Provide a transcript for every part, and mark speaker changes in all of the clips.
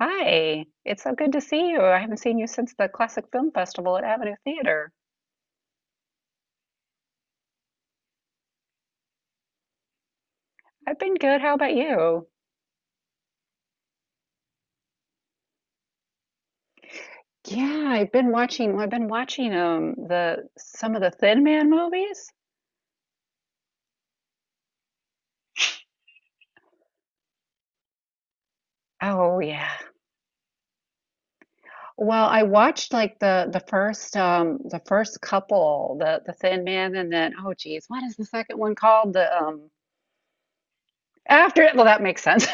Speaker 1: Hi, it's so good to see you. I haven't seen you since the Classic Film Festival at Avenue Theater. I've been good. How about you? Yeah, I've been watching, well, I've been watching the some of the Thin Man movies. Oh yeah. Well, I watched like the first the first couple, the Thin Man and then oh geez, what is the second one called? The After it, well that makes sense.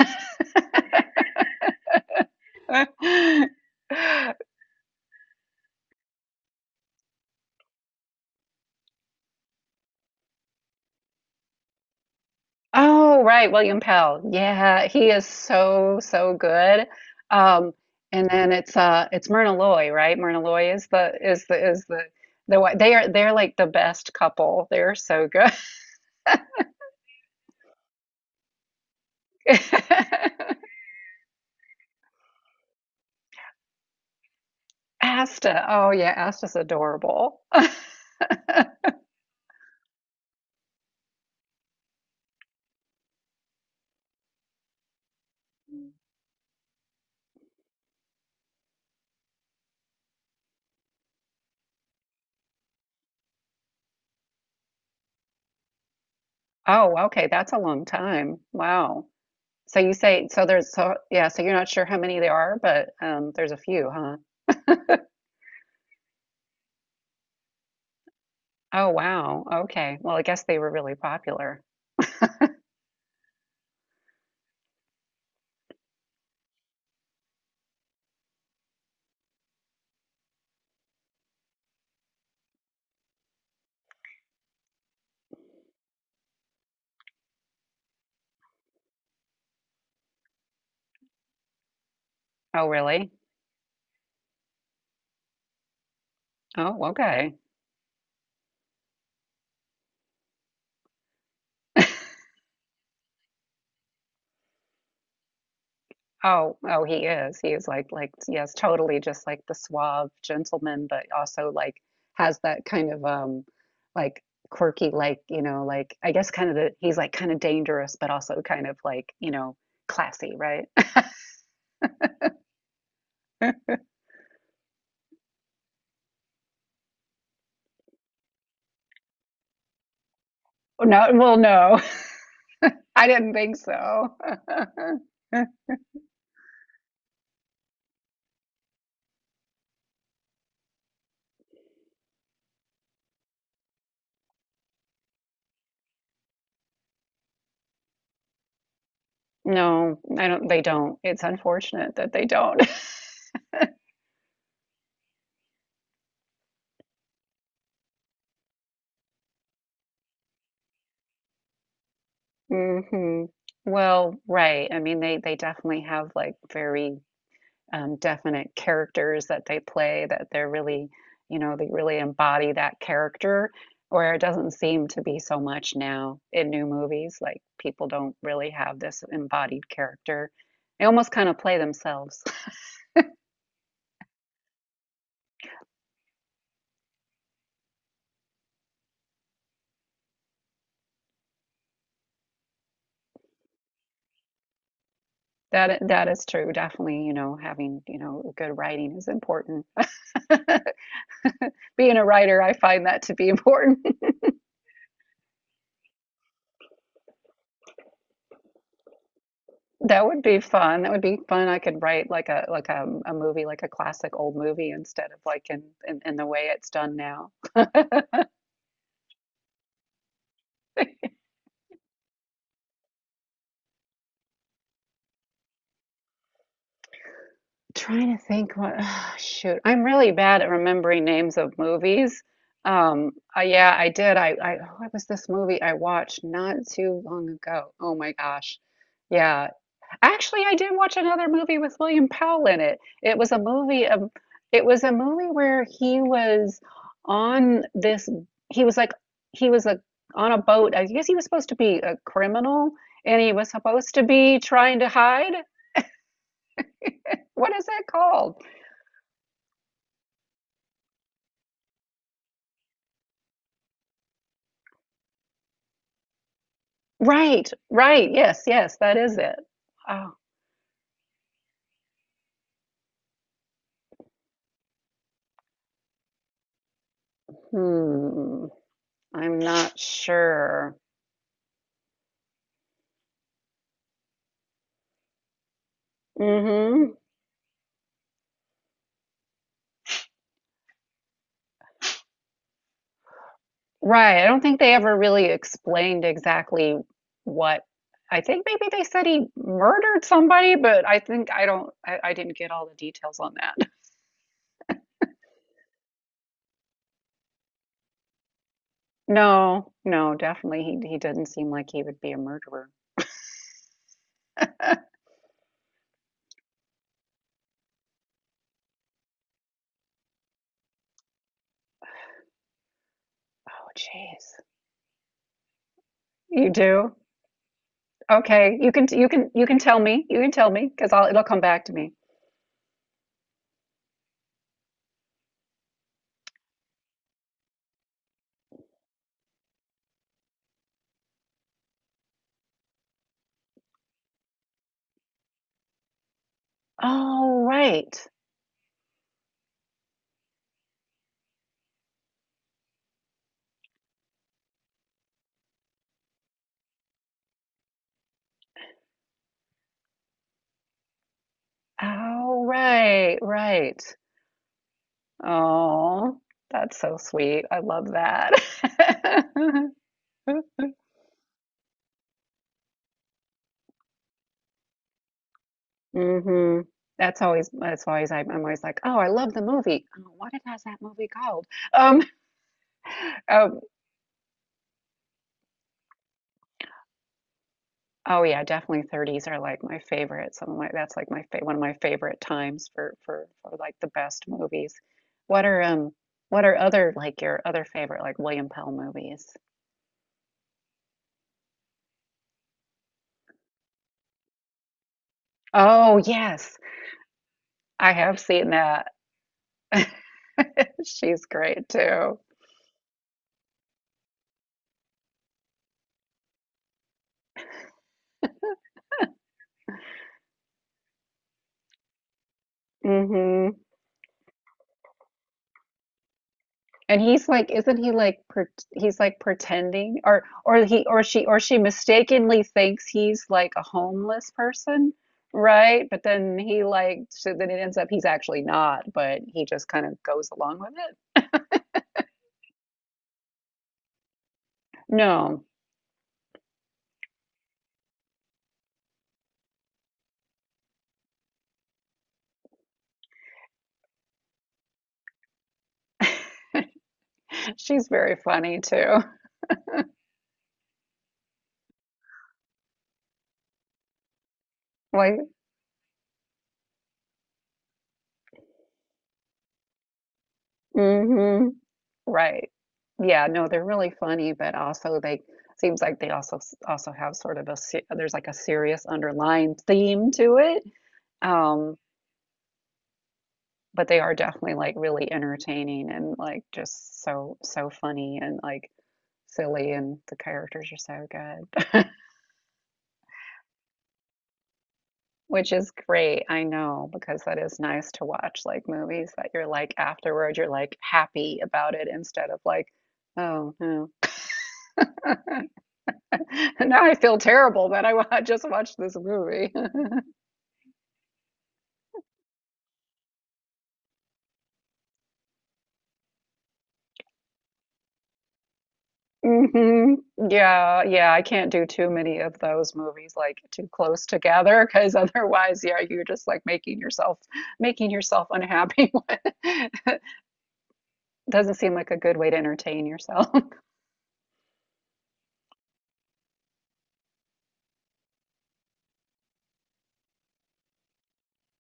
Speaker 1: Oh, right, William Pell. Yeah, he is so so good. Um, and then it's Myrna Loy, right? Myrna Loy is the is the is the they are they're like the best couple. They're so good. Asta. Oh yeah, Asta's adorable. Oh, okay, that's a long time. Wow. So you say so there's so yeah, so you're not sure how many there are, but there's a few, huh? Oh, wow. Okay. Well, I guess they were really popular. Oh, really? Oh, okay. Oh, oh, he is. He is like, yes, totally, just like the suave gentleman, but also like has that kind of like quirky, like you know, like I guess kind of the he's like kind of dangerous, but also kind of like, you know, classy, right? No, well, no, I didn't think so. No, I don't. They don't. It's unfortunate that they don't. hmm Well, right. I mean, they definitely have like very definite characters that they play that they're really, you know, they really embody that character, where it doesn't seem to be so much now in new movies. Like people don't really have this embodied character, they almost kind of play themselves. That that is true, definitely. You know, having, you know, good writing is important. Being a writer, I find that to be important. That would be fun. That would be fun. I could write like a movie, like a classic old movie, instead of like in the way it's done now. Trying to think what, shoot, I'm really bad at remembering names of movies. Yeah, I did. What was this movie I watched not too long ago? Oh my gosh. Yeah. Actually, I did watch another movie with William Powell in it. It was a movie of, It was a movie where he was on this, he was like, he was a, on a boat. I guess he was supposed to be a criminal and he was supposed to be trying to hide. What is that called? Right, right. Yes, yes, that is it. Oh, hmm. I'm not sure. hmm Right. I don't think they ever really explained exactly what. I think maybe they said he murdered somebody, but I don't. I didn't get all the details on that. No, no, definitely he did not seem like he would be a murderer. Oh, jeez. You do? Okay. You can tell me. You can tell me, because I'll— it'll come back to me. Oh, right. Oh, right, right. Oh, that's so sweet. I love that. hmm That's always— that's always— I'm always like, oh, I love the movie. Oh, what it has that movie called? Um, um, oh yeah, definitely 30s are like my favorite. Some of my that's like my fa One of my favorite times for like the best movies. What are um what are other like your other favorite like William Pell movies? Oh yes, I have seen that. She's great too. Hmm And he's like, isn't he like— per he's like pretending, or— or he or she mistakenly thinks he's like a homeless person, right? But then he like, so then it ends up he's actually not, but he just kind of goes along with it. No, she's very funny too. Like, hmm right. Yeah, no, they're really funny, but also they— seems like they also s- also have sort of a se- there's like a serious underlying theme to it. Um, but they are definitely like really entertaining and like just so so funny and like silly, and the characters are so good. Which is great, I know, because that is nice to watch like movies that you're like afterward you're like happy about it instead of like, oh no. Now I feel terrible that I wa- just watched this movie. hmm Yeah, yeah, I can't do too many of those movies like too close together because otherwise, yeah, you're just like making yourself— making yourself unhappy. Doesn't seem like a good way to entertain yourself.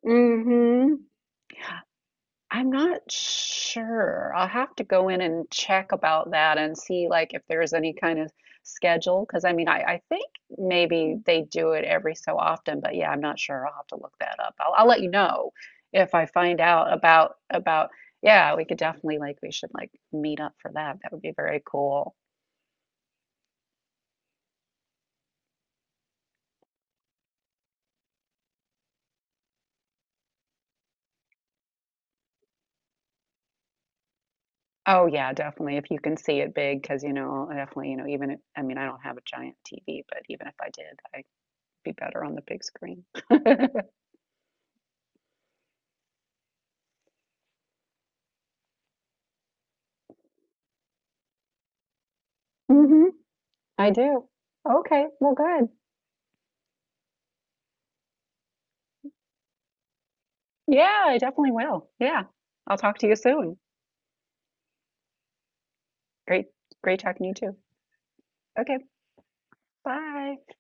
Speaker 1: hmm I'm not sure. I'll have to go in and check about that and see like if there's any kind of schedule. Because I mean, I think maybe they do it every so often, but yeah, I'm not sure. I'll have to look that up. I'll let you know if I find out about about. Yeah, we could definitely like— we should like meet up for that. That would be very cool. Oh yeah, definitely. If you can see it big, because you know, definitely, you know, even if— I mean, I don't have a giant TV, but even if I did, I'd be better on the big screen. Mm-hmm. I do. Okay, well, good. Yeah, I definitely will. Yeah, I'll talk to you soon. Great, great talking to you too. Okay, bye.